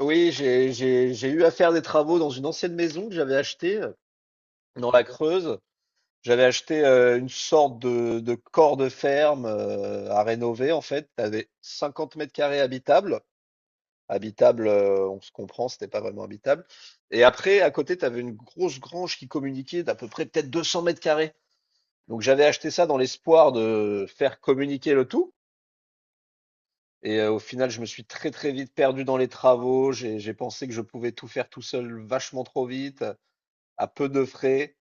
Oui, j'ai eu à faire des travaux dans une ancienne maison que j'avais achetée, dans la Creuse. J'avais acheté une sorte de corps de ferme à rénover en fait. T'avais 50 mètres carrés habitables. Habitable, on se comprend, c'était pas vraiment habitable. Et après, à côté, t'avais une grosse grange qui communiquait d'à peu près peut-être 200 mètres carrés. Donc j'avais acheté ça dans l'espoir de faire communiquer le tout. Et au final, je me suis très très vite perdu dans les travaux. J'ai pensé que je pouvais tout faire tout seul vachement trop vite, à peu de frais.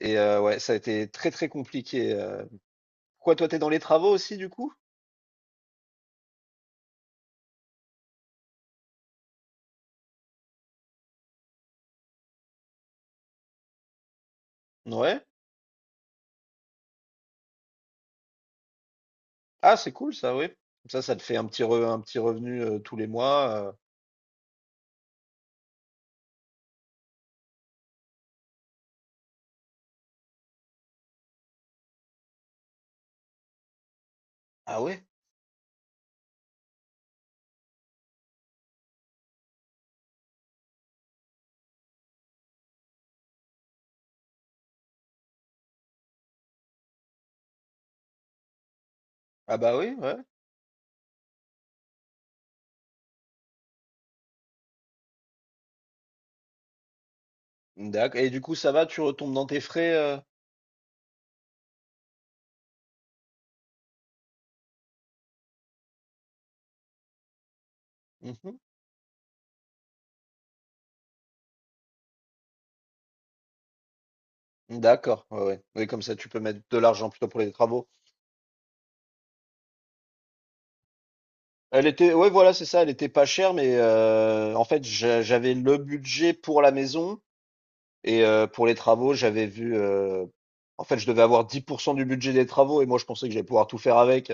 Et ouais, ça a été très très compliqué. Pourquoi toi, t'es dans les travaux aussi du coup? Ouais. Ah, c'est cool ça, oui. Comme ça te fait un petit revenu tous les mois. Ah ouais? Ah bah oui, ouais. D'accord. Et du coup, ça va, tu retombes dans tes frais. Mhm. D'accord. Ouais, ouais. Oui, comme ça, tu peux mettre de l'argent plutôt pour les travaux. Elle était, ouais, voilà, c'est ça. Elle était pas chère, mais en fait, j'avais le budget pour la maison et pour les travaux, j'avais vu. En fait, je devais avoir 10% du budget des travaux et moi, je pensais que j'allais pouvoir tout faire avec.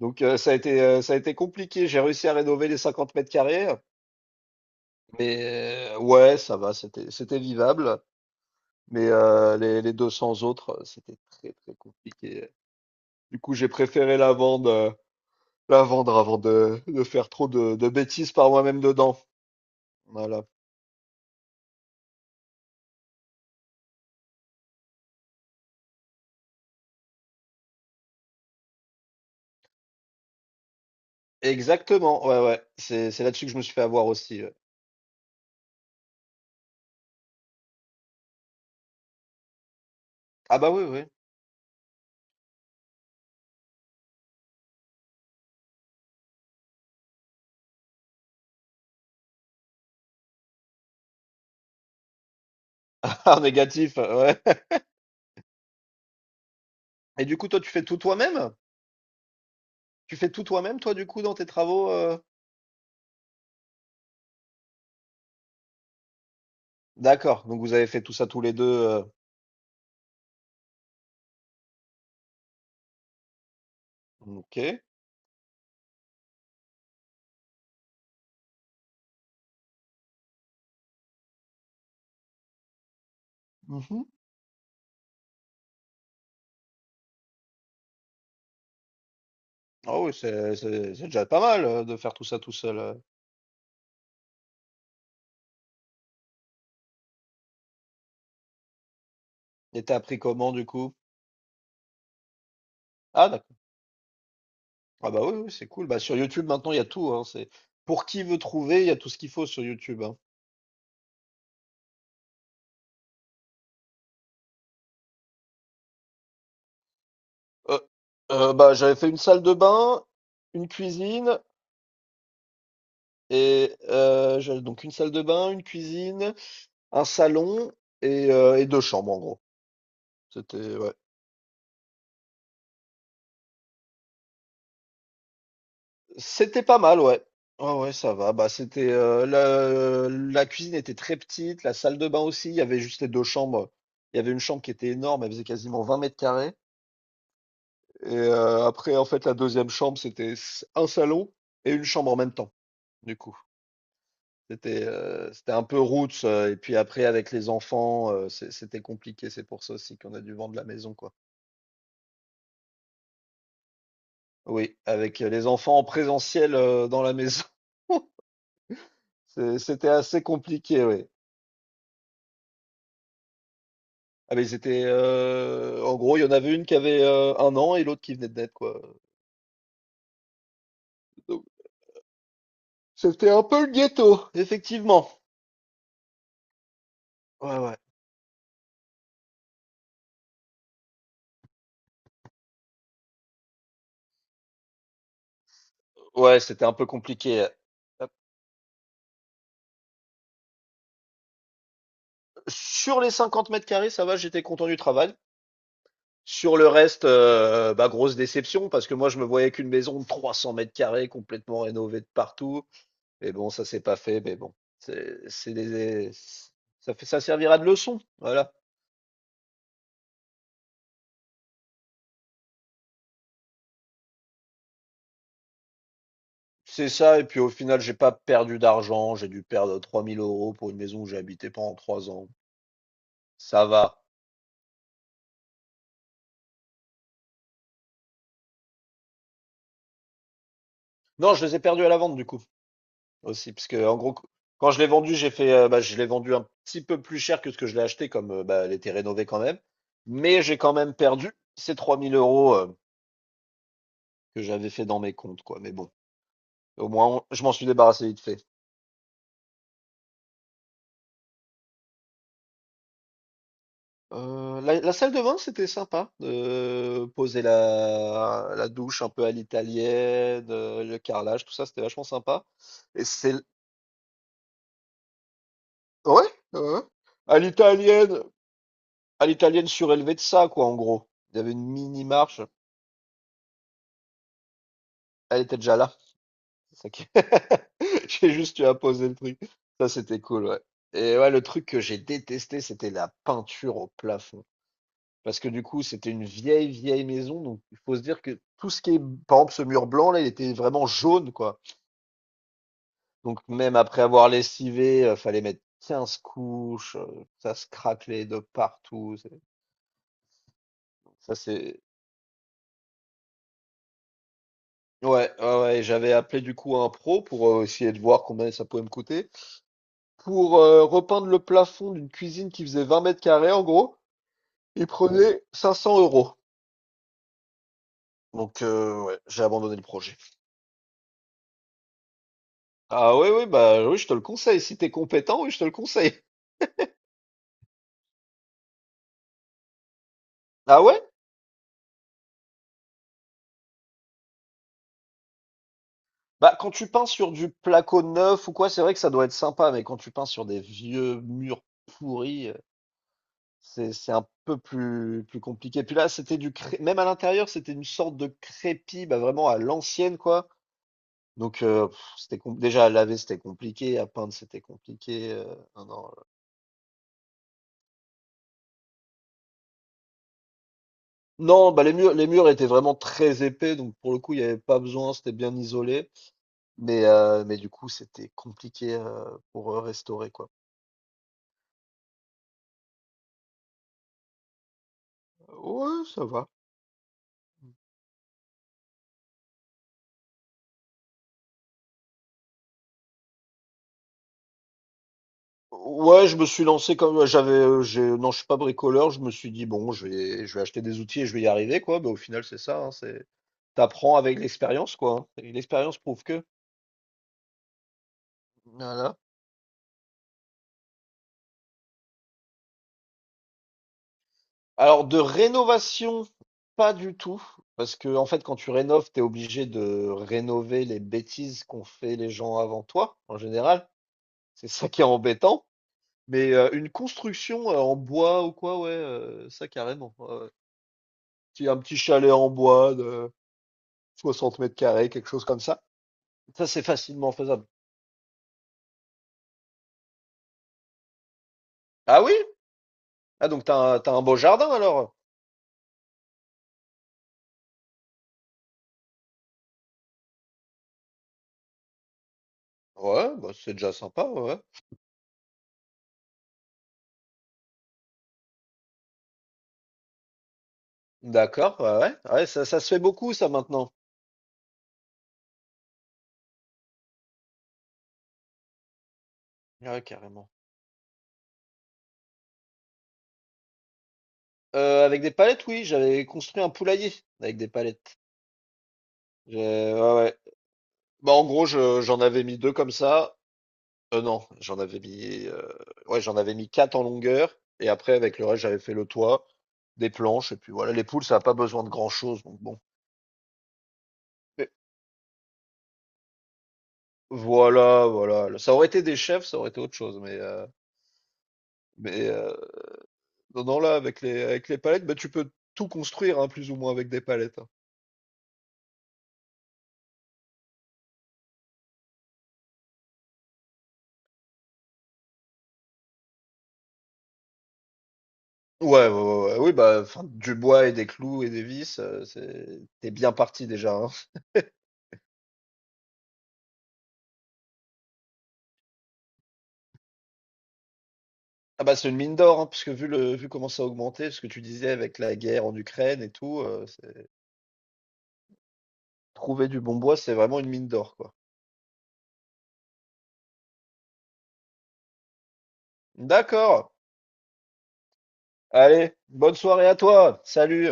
Donc, ça a ça a été compliqué. J'ai réussi à rénover les 50 mètres carrés, mais ouais, ça va. C'était vivable. Mais les 200 autres, c'était très, très compliqué. Du coup, j'ai préféré la vendre avant de faire trop de bêtises par moi-même dedans. Voilà. Exactement, ouais, ouais. C'est là-dessus que je me suis fait avoir aussi. Ah bah, oui, oui. Ah négatif, ouais. Et du coup, toi, tu fais tout toi-même? Tu fais tout toi-même, toi, du coup, dans tes travaux? D'accord, donc vous avez fait tout ça tous les deux. OK. Mmh. Ah oui, c'est déjà pas mal, de faire tout ça tout seul. Et tu appris comment, du coup? Ah d'accord. Ah bah, oui, oui, c'est cool. Bah, sur YouTube, maintenant, il y a tout, hein. C'est Pour qui veut trouver, il y a tout ce qu'il faut sur YouTube, hein. Heu, Bah, j'avais fait une salle de bain, une cuisine. Et je donc une salle de bain, une cuisine, un salon et 2 chambres en gros. C'était ouais, c'était pas mal, ouais. Ouais, ouais, ça va. Bah, c'était le la cuisine était très petite, la salle de bain aussi, il y avait juste les 2 chambres. Il y avait une chambre qui était énorme, elle faisait quasiment 20 mètres carrés. Et après en fait la deuxième chambre, c'était s un salon et une chambre en même temps, du coup. C'était c'était un peu roots, et puis après avec les enfants, c'était compliqué. C'est pour ça aussi qu'on a dû vendre la maison, quoi. Oui, avec les enfants en présentiel, dans la maison. C'était assez compliqué, oui. Ah, mais ils étaient, en gros, il y en avait une qui avait, 1 an et l'autre qui venait de naître, quoi, donc c'était un peu le ghetto, effectivement. Ouais, ouais. Ouais, c'était un peu compliqué, sur les 50 mètres carrés, ça va, j'étais content du travail. Sur le reste, bah, grosse déception parce que moi, je me voyais qu'une maison de 300 mètres carrés complètement rénovée de partout. Mais bon, ça s'est pas fait, mais bon, c'est c'est des, ça fait, ça servira de leçon, voilà. C'est ça, et puis au final, j'ai pas perdu d'argent, j'ai dû perdre 3000 euros pour une maison où j'ai habité pendant 3 ans. Ça va. Non, je les ai perdus à la vente, du coup, aussi, parce que, en gros, quand je l'ai vendu, j'ai fait, bah, je l'ai vendu un petit peu plus cher que ce que je l'ai acheté, comme, bah, elle était rénovée quand même. Mais j'ai quand même perdu ces 3000 euros, que j'avais fait dans mes comptes, quoi. Mais bon, au moins, je m'en suis débarrassé vite fait. La salle de bain, c'était sympa, de poser la douche un peu à l'italienne, le carrelage, tout ça, c'était vachement sympa et c'est l ouais, ouais, ouais, à l'italienne, à l'italienne surélevée de ça, quoi, en gros. Il y avait une mini marche, elle était déjà là, c'est ça qui j'ai juste eu à poser le truc. Ça, c'était cool, ouais. Et ouais, le truc que j'ai détesté, c'était la peinture au plafond. Parce que du coup, c'était une vieille, vieille maison. Donc, il faut se dire que tout ce qui est, par exemple, ce mur blanc, là, il était vraiment jaune, quoi. Donc, même après avoir lessivé, fallait mettre 15 couches. Ça se craquelait de partout. C'est- Ça, c'est. Ouais, ouais, ouais, j'avais appelé du coup un pro pour essayer de voir combien ça pouvait me coûter. Pour repeindre le plafond d'une cuisine qui faisait 20 mètres carrés, en gros, il prenait 500 euros. Donc, ouais, j'ai abandonné le projet. Ah ouais, ouais, bah oui, je te le conseille. Si t'es compétent, oui, je te le conseille. Ah ouais? Bah, quand tu peins sur du placo neuf ou quoi, c'est vrai que ça doit être sympa, mais quand tu peins sur des vieux murs pourris, c'est un peu plus, plus compliqué. Puis là, c'était du cré... même à l'intérieur, c'était une sorte de crépi, bah vraiment à l'ancienne, quoi. Donc, c'était déjà à laver, c'était compliqué, à peindre, c'était compliquénon, non, euh. Non, bah les murs, étaient vraiment très épais, donc pour le coup, il n'y avait pas besoin, c'était bien isolé. Mais du coup, c'était compliqué pour restaurer, quoi. Ouais, ça va. Ouais, je me suis lancé comme non, je suis pas bricoleur. Je me suis dit bon, je vais acheter des outils et je vais y arriver quoi. Bah, au final, c'est ça. T'apprends avec l'expérience quoi. Hein. Et l'expérience prouve que. Voilà. Alors de rénovation, pas du tout, parce que en fait, quand tu rénoves, t'es obligé de rénover les bêtises qu'ont fait les gens avant toi en général. C'est ça qui est embêtant. Mais une construction en bois ou quoi, ouais, ça carrément. Ouais, ouais. Un petit chalet en bois, 60 mètres carrés, quelque chose comme ça. Ça, c'est facilement faisable. Ah oui? Ah, t'as un beau jardin alors? Ouais, bah, c'est déjà sympa, ouais. D'accord, ouais, ouais, ouais, ça se fait beaucoup ça maintenant. Ouais, carrément. Avec des palettes, oui, j'avais construit un poulailler avec des palettes. Ouais, ouais. Bah, en gros, j'en avais mis deux comme ça. Non, j'en avais mis, ouais, j'en avais mis quatre en longueur. Et après, avec le reste, j'avais fait le toit, des planches. Et puis voilà, les poules, ça n'a pas besoin de grand-chose. Donc bon. Voilà, voilà, ça aurait été des chefs, ça aurait été autre chose, mais mais heu, non, non, là, avec les palettes, bah, tu peux tout construire, hein, plus ou moins avec des palettes, hein. Ouais, ouais, ouais, ouais, oui, bah, enfin, du bois et des clous et des vis, c'est tu bien parti déjà, hein. Ah, bah, c'est une mine d'or, hein, puisque vu comment ça a augmenté, ce que tu disais avec la guerre en Ukraine et tout, c'est trouver du bon bois, c'est vraiment une mine d'or, quoi. D'accord, allez, bonne soirée à toi, salut!